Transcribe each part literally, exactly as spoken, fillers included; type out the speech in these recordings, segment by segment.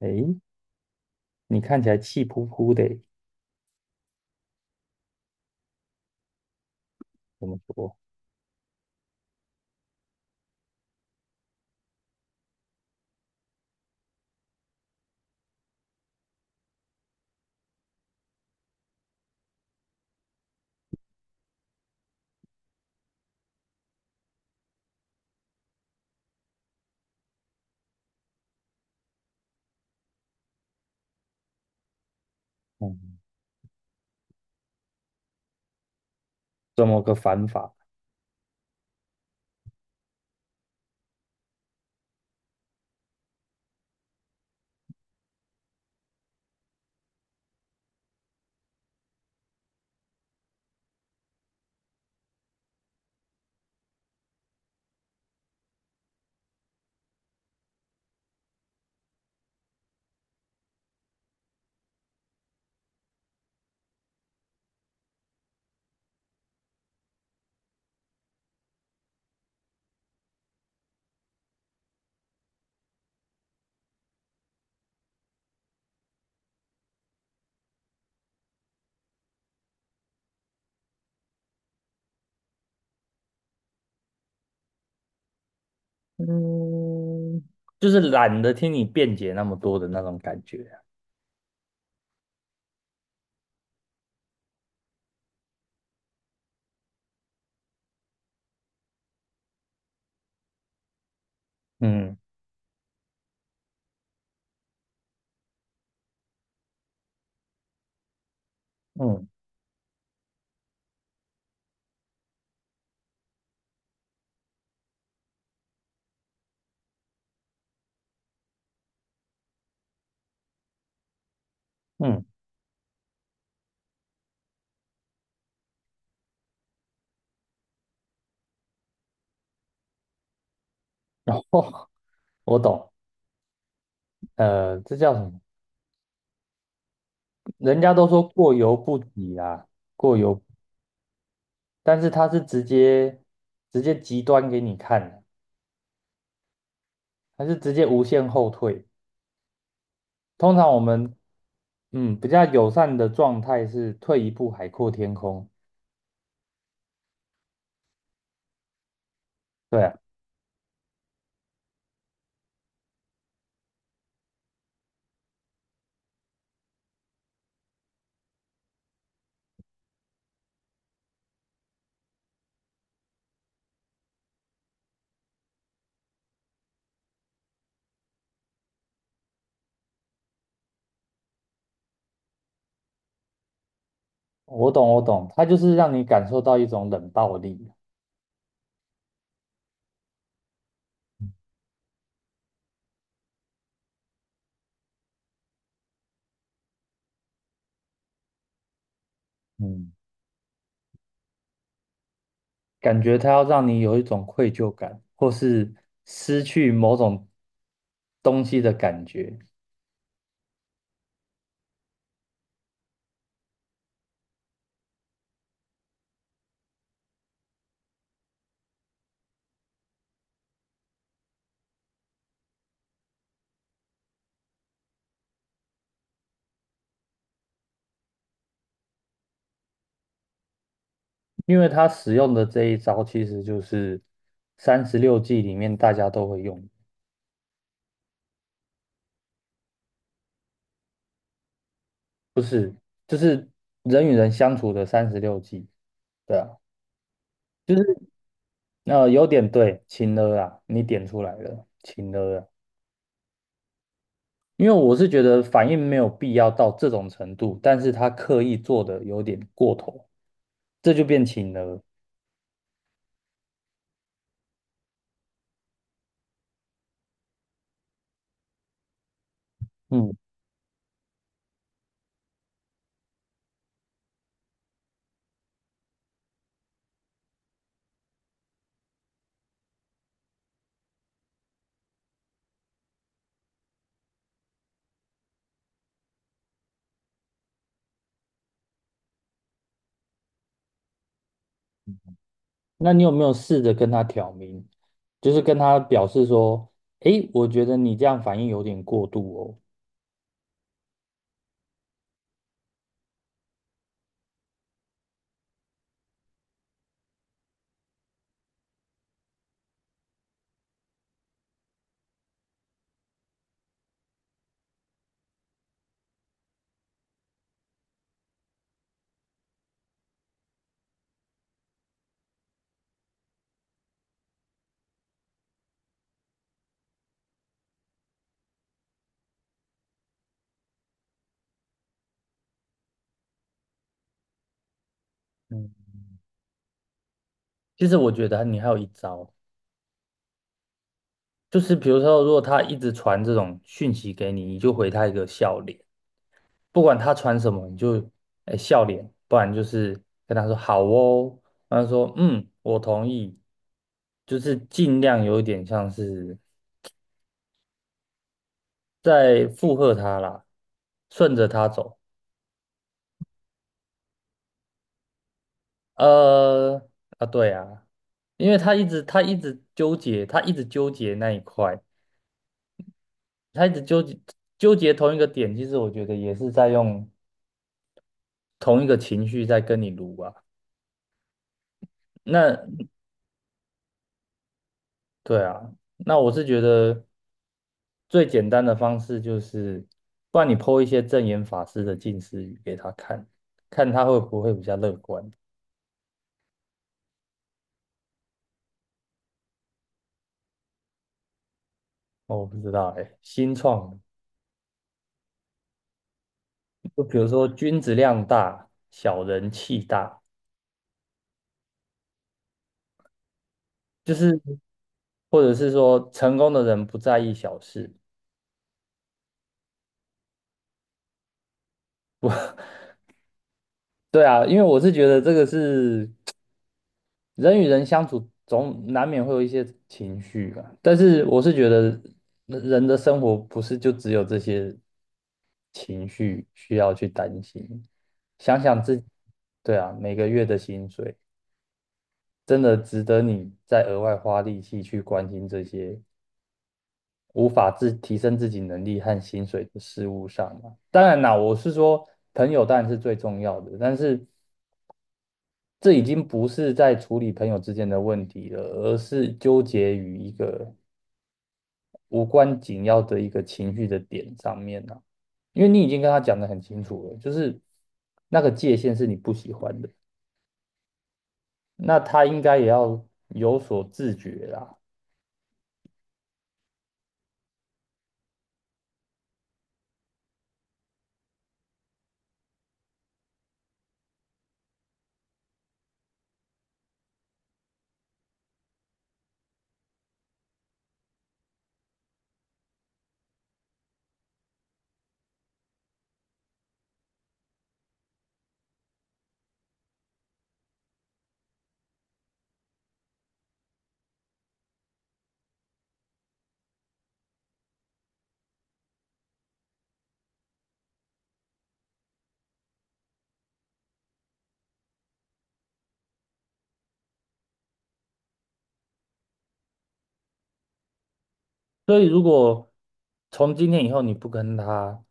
诶，你看起来气扑扑的欸。怎么说？嗯，这么个反法？就是懒得听你辩解那么多的那种感觉啊。嗯嗯嗯，然后 我懂。呃，这叫什么？人家都说过犹不及啊。过犹，但是他是直接直接极端给你看。他是直接无限后退。通常我们嗯比较友善的状态是退一步海阔天空。对啊。我懂，我懂，他就是让你感受到一种冷暴力。嗯。感觉他要让你有一种愧疚感，或是失去某种东西的感觉。因为他使用的这一招其实就是三十六计里面大家都会用。不是，就是人与人相处的三十六计。对啊。就是呃有点对，情勒啊。你点出来了，情勒啊。因为我是觉得反应没有必要到这种程度，但是他刻意做的有点过头，这就变情了。嗯。那你有没有试着跟他挑明，就是跟他表示说，诶，我觉得你这样反应有点过度哦。嗯。其实我觉得你还有一招，就是比如说，如果他一直传这种讯息给你，你就回他一个笑脸。不管他穿什么，你就哎笑脸，不然就是跟他说好哦，然后说嗯，我同意，就是尽量有一点像是在附和他啦，顺着他走。呃啊，对啊。因为他一直他一直纠结，他一直纠结那一块，他一直纠结纠结同一个点。其实我觉得也是在用同一个情绪在跟你撸啊。那对啊，那我是觉得最简单的方式就是，不然你 p 一些正言法师的近似语给他看，看他会不会比较乐观。哦，我不知道哎，新创的。就比如说君子量大，小人气大，就是或者是说成功的人不在意小事。对啊，因为我是觉得这个是人与人相处总难免会有一些情绪吧，但是我是觉得人的生活不是就只有这些情绪需要去担心。想想自己，对啊，每个月的薪水真的值得你再额外花力气去关心这些无法自提升自己能力和薪水的事物上吗？当然啦，我是说朋友当然是最重要的。但是，这已经不是在处理朋友之间的问题了，而是纠结于一个无关紧要的一个情绪的点上面了。啊，因为你已经跟他讲得很清楚了，就是那个界限是你不喜欢的，那他应该也要有所自觉啦。所以如果从今天以后你不跟他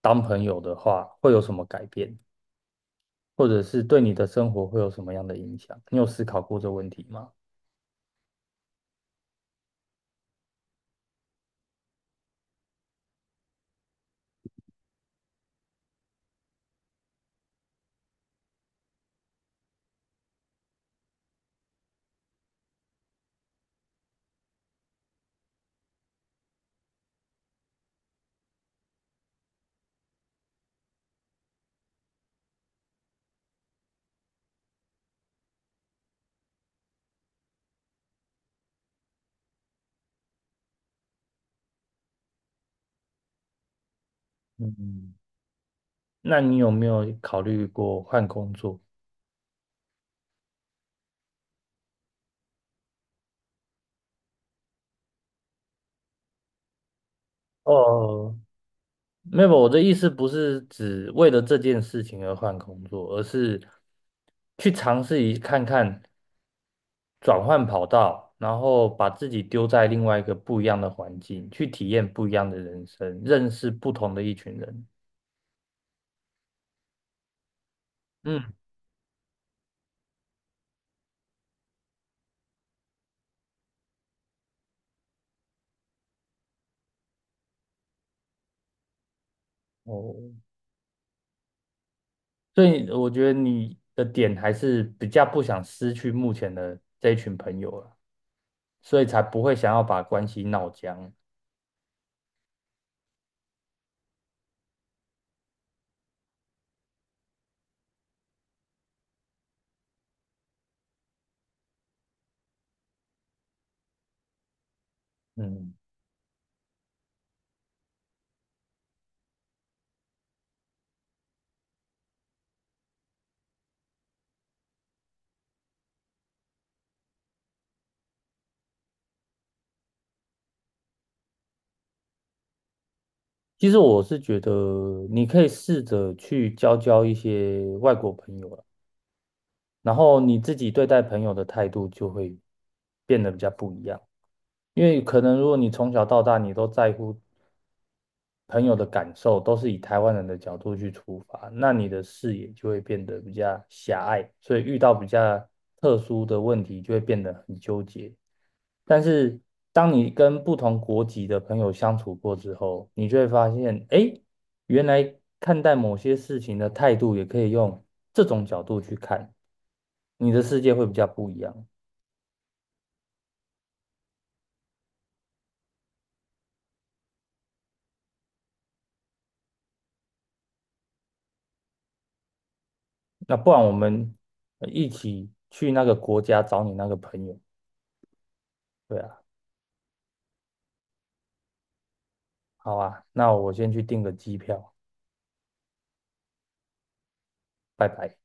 当朋友的话，会有什么改变，或者是对你的生活会有什么样的影响？你有思考过这问题吗？嗯。那你有没有考虑过换工作？哦，没有，我的意思不是指为了这件事情而换工作，而是去尝试一看看转换跑道，然后把自己丢在另外一个不一样的环境，去体验不一样的人生，认识不同的一群人。嗯。哦，所以我觉得你的点还是比较不想失去目前的这一群朋友了，所以才不会想要把关系闹僵。嗯。其实我是觉得你可以试着去交交一些外国朋友了，然后你自己对待朋友的态度就会变得比较不一样。因为可能如果你从小到大你都在乎朋友的感受，都是以台湾人的角度去出发，那你的视野就会变得比较狭隘，所以遇到比较特殊的问题就会变得很纠结。但是当你跟不同国籍的朋友相处过之后，你就会发现，诶，原来看待某些事情的态度也可以用这种角度去看，你的世界会比较不一样。那不然我们呃一起去那个国家找你那个朋友。对啊。好啊，那我先去订个机票。拜拜。